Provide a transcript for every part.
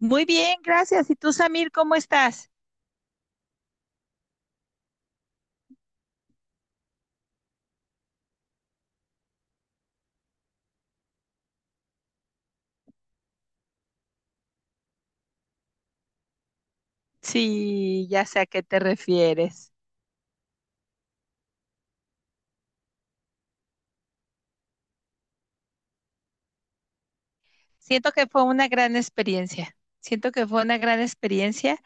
Muy bien, gracias. ¿Y tú, Samir, cómo estás? Sí, ya sé a qué te refieres. Siento que fue una gran experiencia. Siento que fue una gran experiencia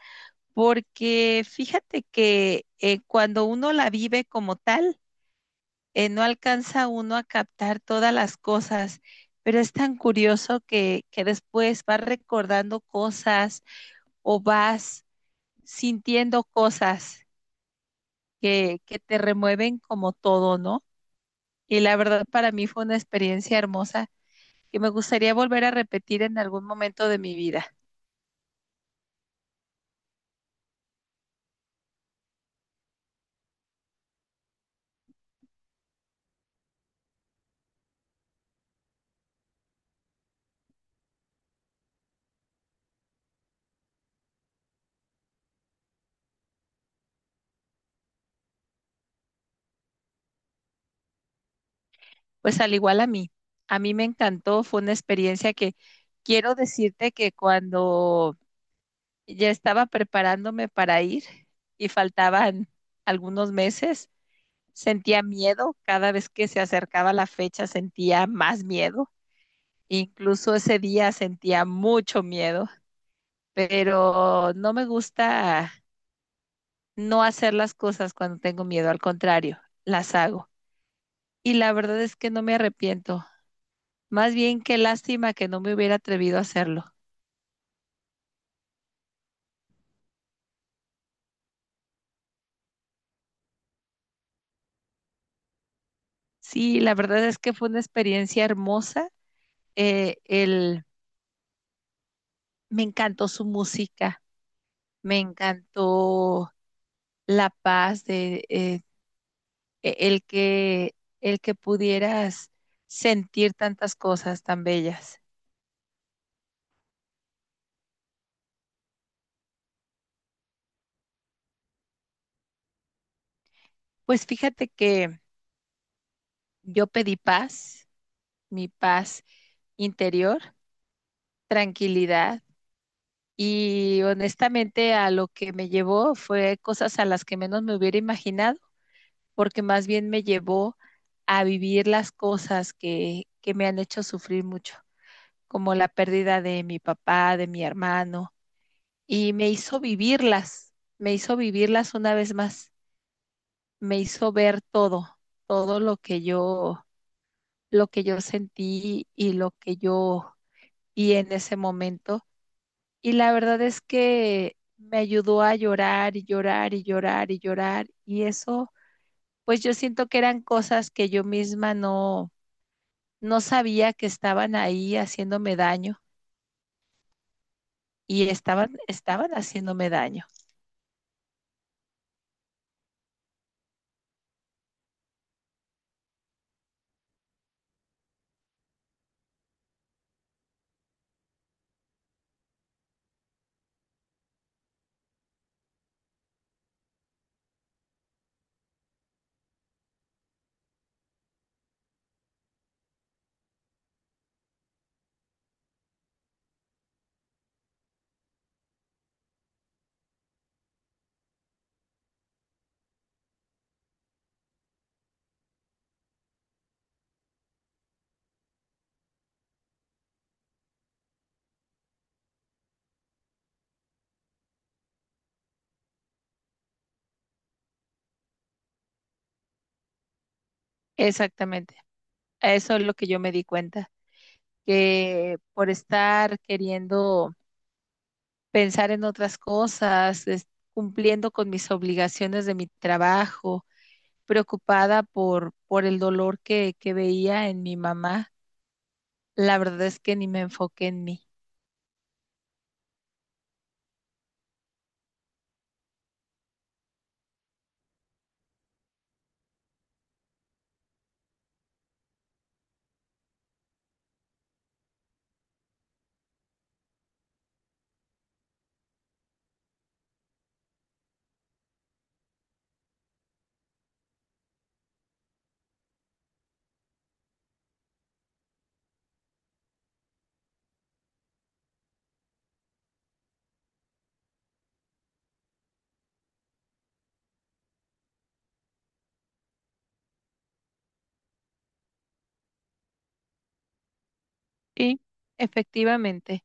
porque fíjate que cuando uno la vive como tal, no alcanza uno a captar todas las cosas, pero es tan curioso que después vas recordando cosas o vas sintiendo cosas que te remueven como todo, ¿no? Y la verdad para mí fue una experiencia hermosa que me gustaría volver a repetir en algún momento de mi vida. Pues al igual a mí me encantó, fue una experiencia que quiero decirte que cuando ya estaba preparándome para ir y faltaban algunos meses, sentía miedo. Cada vez que se acercaba la fecha sentía más miedo, incluso ese día sentía mucho miedo, pero no me gusta no hacer las cosas cuando tengo miedo, al contrario, las hago. Y la verdad es que no me arrepiento. Más bien qué lástima que no me hubiera atrevido a hacerlo. Sí, la verdad es que fue una experiencia hermosa. Eh, el, me encantó su música, me encantó la paz de e-, el que el que pudieras sentir tantas cosas tan bellas. Pues fíjate que yo pedí paz, mi paz interior, tranquilidad, y honestamente a lo que me llevó fue cosas a las que menos me hubiera imaginado, porque más bien me llevó a vivir las cosas que me han hecho sufrir mucho, como la pérdida de mi papá, de mi hermano, y me hizo vivirlas una vez más, me hizo ver todo, todo lo que yo sentí y lo que yo vi en ese momento. Y la verdad es que me ayudó a llorar y llorar y llorar y llorar. Y eso, pues yo siento que eran cosas que yo misma no sabía que estaban ahí haciéndome daño, y estaban, estaban haciéndome daño. Exactamente. Eso es lo que yo me di cuenta, que por estar queriendo pensar en otras cosas, cumpliendo con mis obligaciones de mi trabajo, preocupada por el dolor que veía en mi mamá. La verdad es que ni me enfoqué en mí. Y efectivamente,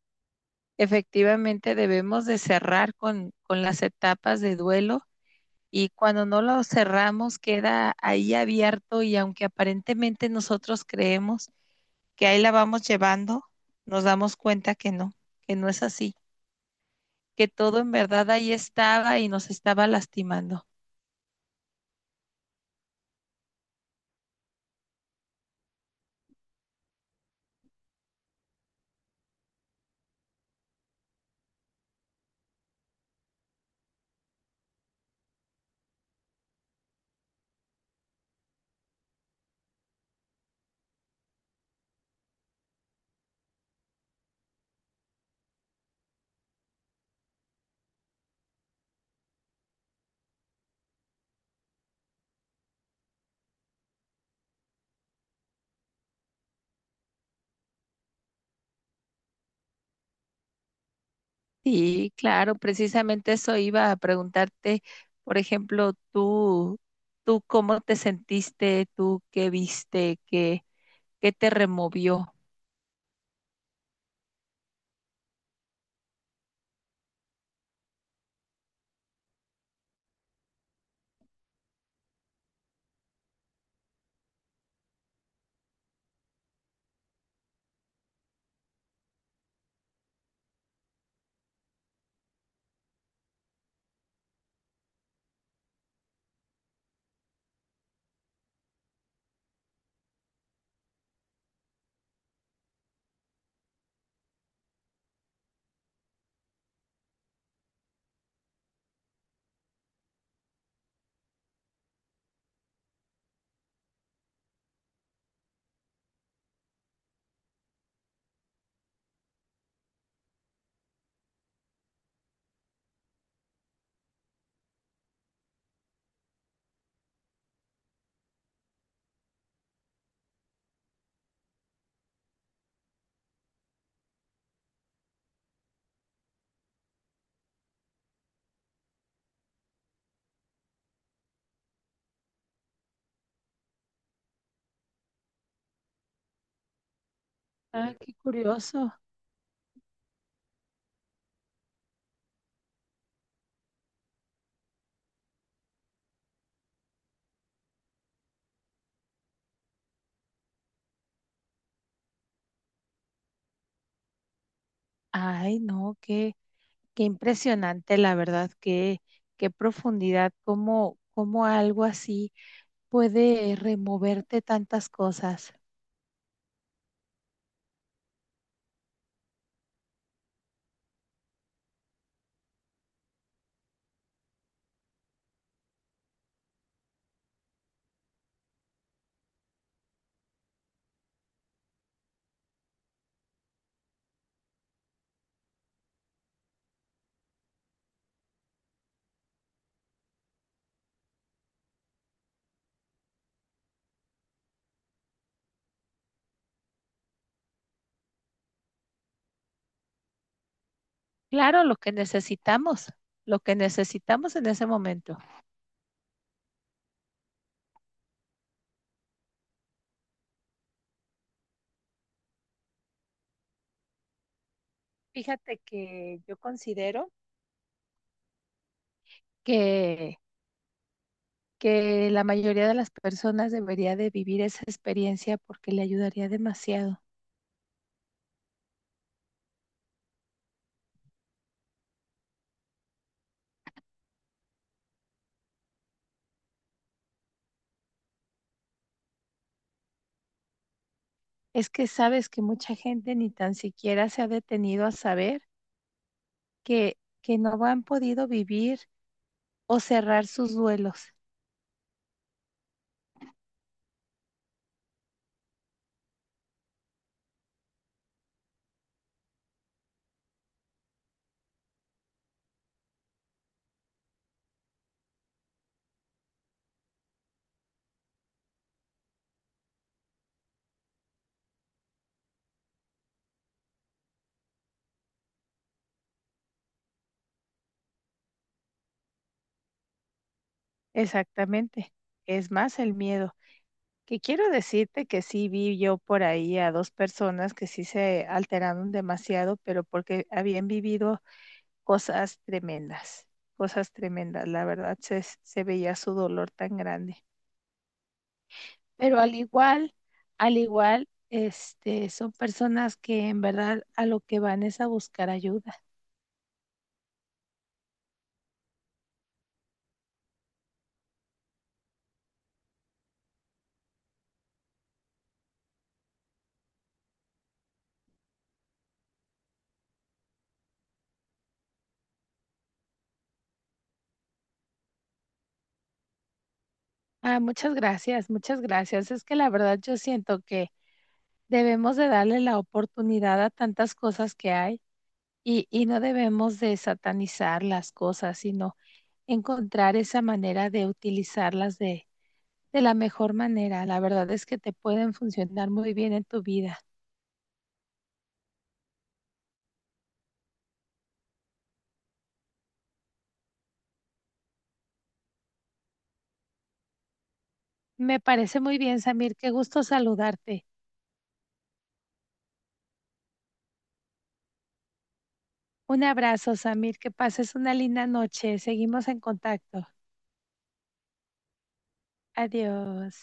efectivamente debemos de cerrar con las etapas de duelo, y cuando no lo cerramos queda ahí abierto, y aunque aparentemente nosotros creemos que ahí la vamos llevando, nos damos cuenta que no es así, que todo en verdad ahí estaba y nos estaba lastimando. Sí, claro, precisamente eso iba a preguntarte. Por ejemplo, tú cómo te sentiste, tú qué viste, qué, qué te removió. Ah, qué curioso. Ay, no, qué, qué impresionante, la verdad, qué, qué profundidad, cómo, cómo algo así puede removerte tantas cosas. Claro, lo que necesitamos en ese momento. Fíjate que yo considero que la mayoría de las personas debería de vivir esa experiencia porque le ayudaría demasiado. Es que sabes que mucha gente ni tan siquiera se ha detenido a saber que no han podido vivir o cerrar sus duelos. Exactamente. Es más el miedo. Que quiero decirte que sí vi yo por ahí a dos personas que sí se alteraron demasiado, pero porque habían vivido cosas tremendas, cosas tremendas. La verdad se, se veía su dolor tan grande. Pero al igual, este, son personas que en verdad a lo que van es a buscar ayuda. Ah, muchas gracias, muchas gracias. Es que la verdad yo siento que debemos de darle la oportunidad a tantas cosas que hay, y no debemos de satanizar las cosas, sino encontrar esa manera de utilizarlas de la mejor manera. La verdad es que te pueden funcionar muy bien en tu vida. Me parece muy bien, Samir, qué gusto saludarte. Un abrazo, Samir. Que pases una linda noche. Seguimos en contacto. Adiós.